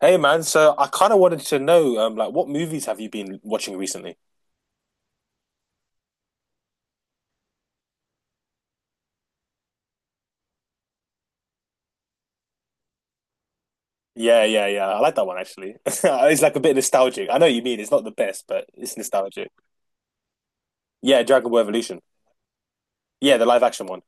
Hey man, so I kind of wanted to know, like, what movies have you been watching recently? Yeah, yeah, yeah, I like that one actually. It's like a bit nostalgic. I know what you mean, it's not the best, but it's nostalgic. Yeah, Dragon Ball Evolution. Yeah, the live action one.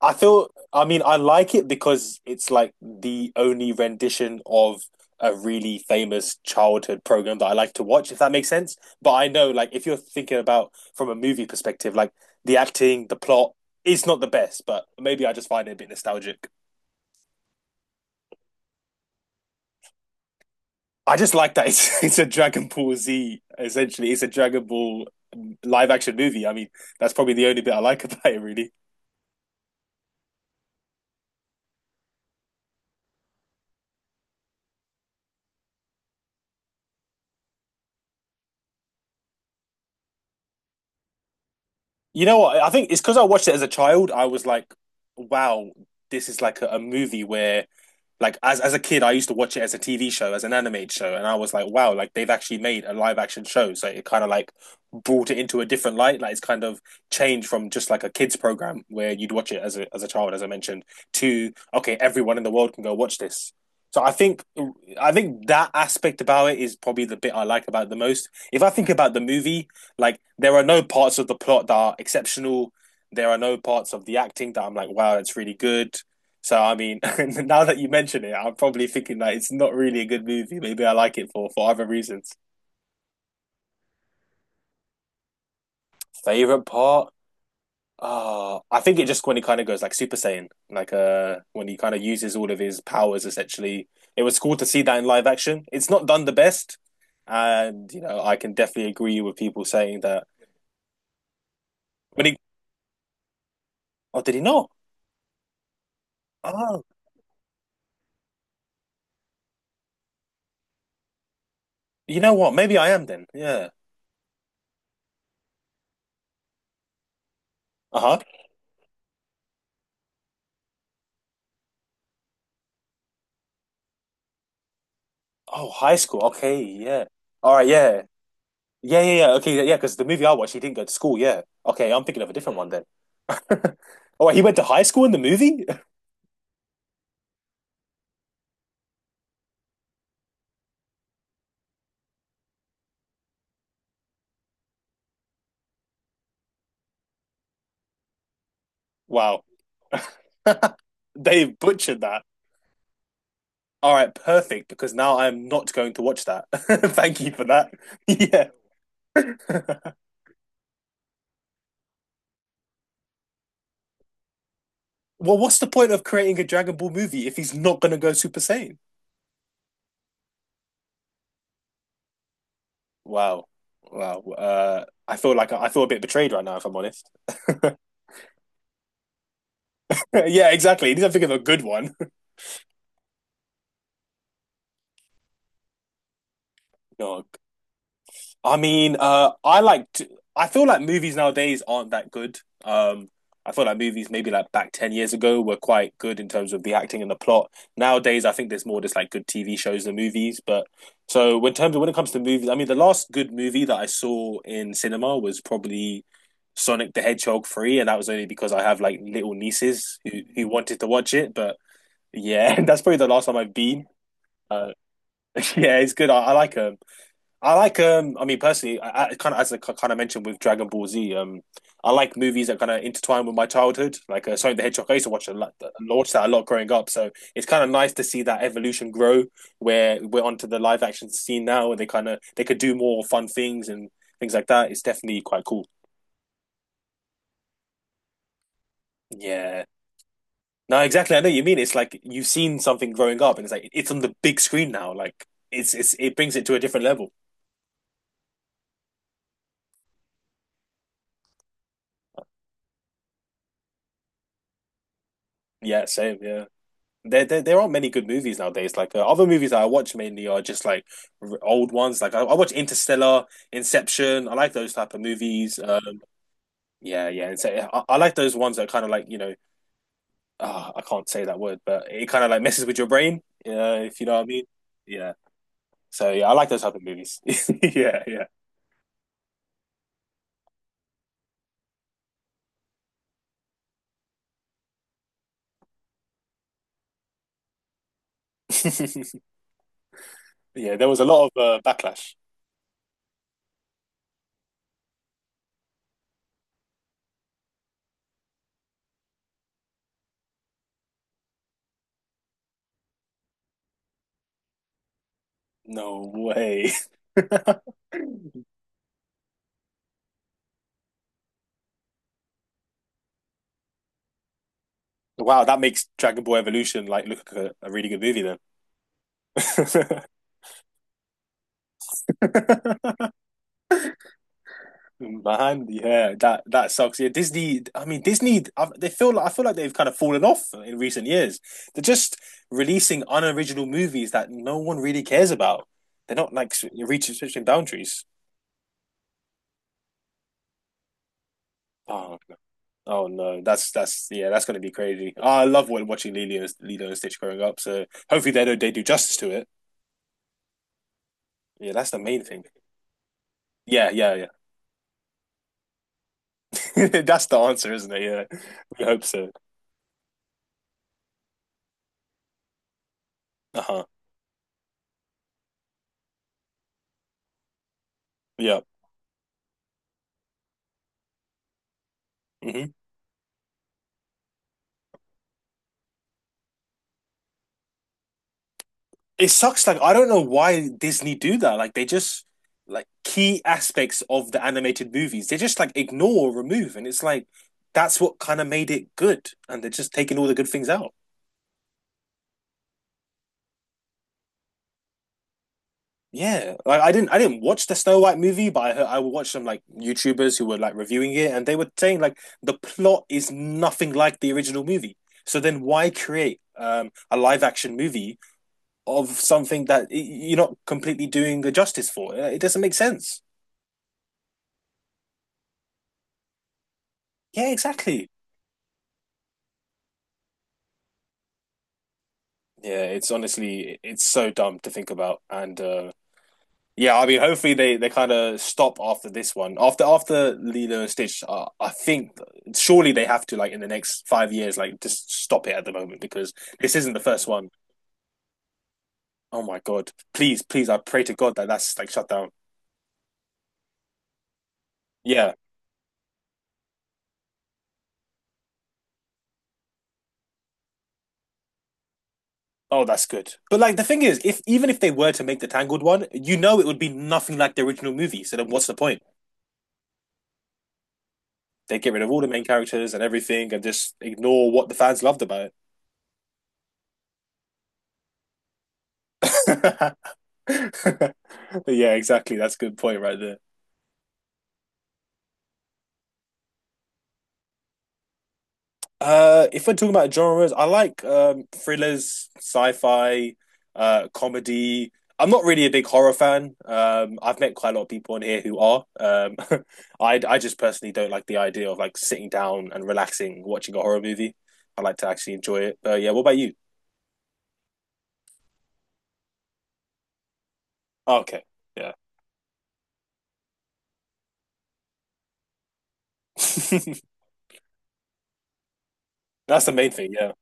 I feel, I like it because it's like the only rendition of a really famous childhood program that I like to watch, if that makes sense. But I know, like, if you're thinking about from a movie perspective, like the acting, the plot, it's not the best, but maybe I just find it a bit nostalgic. I just like that it's it's a Dragon Ball Z essentially. It's a Dragon Ball live action movie. I mean, that's probably the only bit I like about it, really. You know what? I think it's because I watched it as a child. I was like, wow, this is like a movie where like as a kid, I used to watch it as a TV show, as an animated show, and I was like, wow, like they've actually made a live action show. So it kind of like brought it into a different light. Like it's kind of changed from just like a kids program where you'd watch it as a child, as I mentioned, to okay, everyone in the world can go watch this. So I think that aspect about it is probably the bit I like about it the most. If I think about the movie, like there are no parts of the plot that are exceptional. There are no parts of the acting that I'm like, wow, that's really good. So I mean, now that you mention it, I'm probably thinking that it's not really a good movie. Maybe I like it for other reasons. Favorite part? I think it just when he kind of goes like Super Saiyan, like when he kind of uses all of his powers. Essentially, it was cool to see that in live action. It's not done the best, and you know I can definitely agree with people saying that when he. Oh, did he not? Oh, you know what? Maybe I am then. Yeah. Uh huh. Oh, high school. Okay. Yeah. All right. Yeah. Yeah, yeah, yeah. Okay, yeah, because the movie I watched, he didn't go to school. Yeah. Okay, I'm thinking of a different one then. Oh, wait, he went to high school in the movie? Wow. They butchered that. All right, perfect, because now I'm not going to watch that. Thank you for that. Yeah. Well, what's the point of creating a Dragon Ball movie if he's not going to go Super Saiyan? Wow. Wow. I feel like I feel a bit betrayed right now, if I'm honest. Yeah, exactly. He doesn't think of a good one. Oh, I like to, I feel like movies nowadays aren't that good. Um, I feel like movies maybe like back 10 years ago were quite good in terms of the acting and the plot. Nowadays, I think there's more just like good TV shows than movies. But so when terms of when it comes to movies, I mean, the last good movie that I saw in cinema was probably Sonic the Hedgehog 3, and that was only because I have like little nieces who wanted to watch it. But yeah, that's probably the last time I've been. Uh, yeah, it's good. I like 'em. I like I mean personally I kind of as I kind of mentioned with Dragon Ball Z, I like movies that kind of intertwine with my childhood, like Sonic the Hedgehog. I used to watch that a lot growing up, so it's kind of nice to see that evolution grow, where we're onto the live action scene now, and they kind of they could do more fun things and things like that. It's definitely quite cool. Yeah, no exactly, I know what you mean. It's like you've seen something growing up and it's like it's on the big screen now, like it brings it to a different level. Yeah, same, yeah. There aren't many good movies nowadays. Like other movies that I watch mainly are just like old ones. Like I watch Interstellar, Inception. I like those type of movies. Yeah, yeah. And so I like those ones that kind of like, you know, I can't say that word, but it kind of like messes with your brain. If you know what I mean. Yeah. So yeah, I like those type of movies. Yeah, yeah, yeah. There was a lot of backlash. No way. Wow, that makes Dragon Ball Evolution like look like a really good movie then. Man, yeah, that that sucks. Yeah, Disney. I mean, Disney. They feel like I feel like they've kind of fallen off in recent years. They're just releasing unoriginal movies that no one really cares about. They're not like reaching switching boundaries. Oh, oh no, that's yeah, that's gonna be crazy. Oh, I love watching Lilo, Lilo and Stitch growing up. So hopefully they do justice to it. Yeah, that's the main thing. Yeah, yeah, yeah. That's the answer, isn't it? Yeah, we hope so. Uh huh. Yeah. Mhm. It sucks. Like, I don't know why Disney do that. Like, they just like key aspects of the animated movies, they just like ignore or remove. And it's like that's what kind of made it good. And they're just taking all the good things out. Yeah. Like I didn't watch the Snow White movie, but I heard, I watched some like YouTubers who were like reviewing it, and they were saying like the plot is nothing like the original movie. So then why create a live action movie of something that you're not completely doing a justice for? It doesn't make sense. Yeah, exactly. Yeah, it's honestly it's so dumb to think about, and yeah, I mean, hopefully they kind of stop after this one. After Lilo and Stitch, I think surely they have to like in the next 5 years, like just stop it at the moment because this isn't the first one. Oh my God! Please, please, I pray to God that that's like shut down. Yeah. Oh, that's good. But like the thing is, if even if they were to make the Tangled one, you know it would be nothing like the original movie. So then, what's the point? They get rid of all the main characters and everything, and just ignore what the fans loved about it. Yeah, exactly. That's a good point right there. If we're talking about genres, I like thrillers, sci-fi, comedy. I'm not really a big horror fan. I've met quite a lot of people on here who are. I just personally don't like the idea of like sitting down and relaxing watching a horror movie. I like to actually enjoy it. But yeah, what about you? Oh, okay, yeah, that's the main thing. Yeah.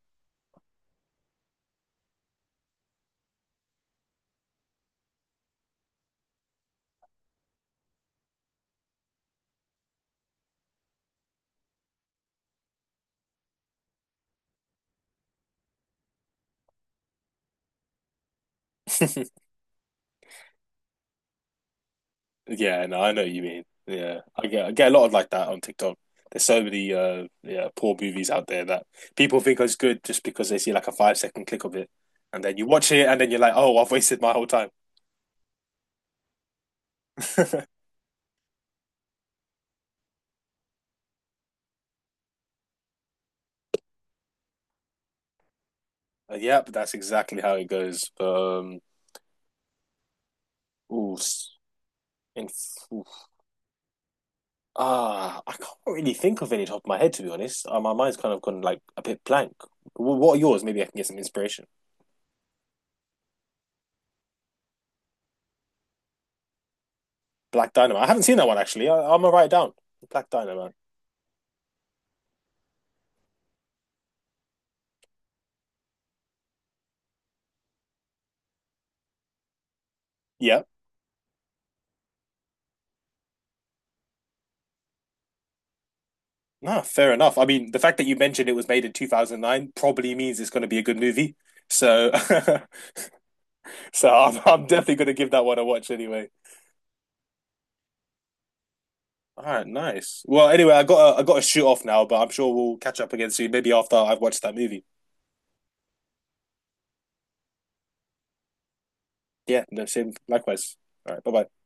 Yeah, no, I know what you mean. Yeah, I get a lot of like that on TikTok. There's so many yeah poor movies out there that people think is good just because they see like a 5 second click of it, and then you watch it and then you're like, oh, I've wasted my whole time. Yep, that's exactly how it goes. Ooh, s- in, oof. Ah, I can't really think of any top of my head to be honest. My mind's kind of gone like a bit blank. What are yours? Maybe I can get some inspiration. Black Dynamite. I haven't seen that one actually. I'm gonna write it down. Black Dynamite. Yep. No, fair enough. I mean, the fact that you mentioned it was made in 2009 probably means it's going to be a good movie. So, so I'm definitely going to give that one a watch anyway. All right, nice. Well, anyway, I got to shoot off now, but I'm sure we'll catch up again soon, maybe after I've watched that movie. Yeah, no, same, likewise. All right, bye bye.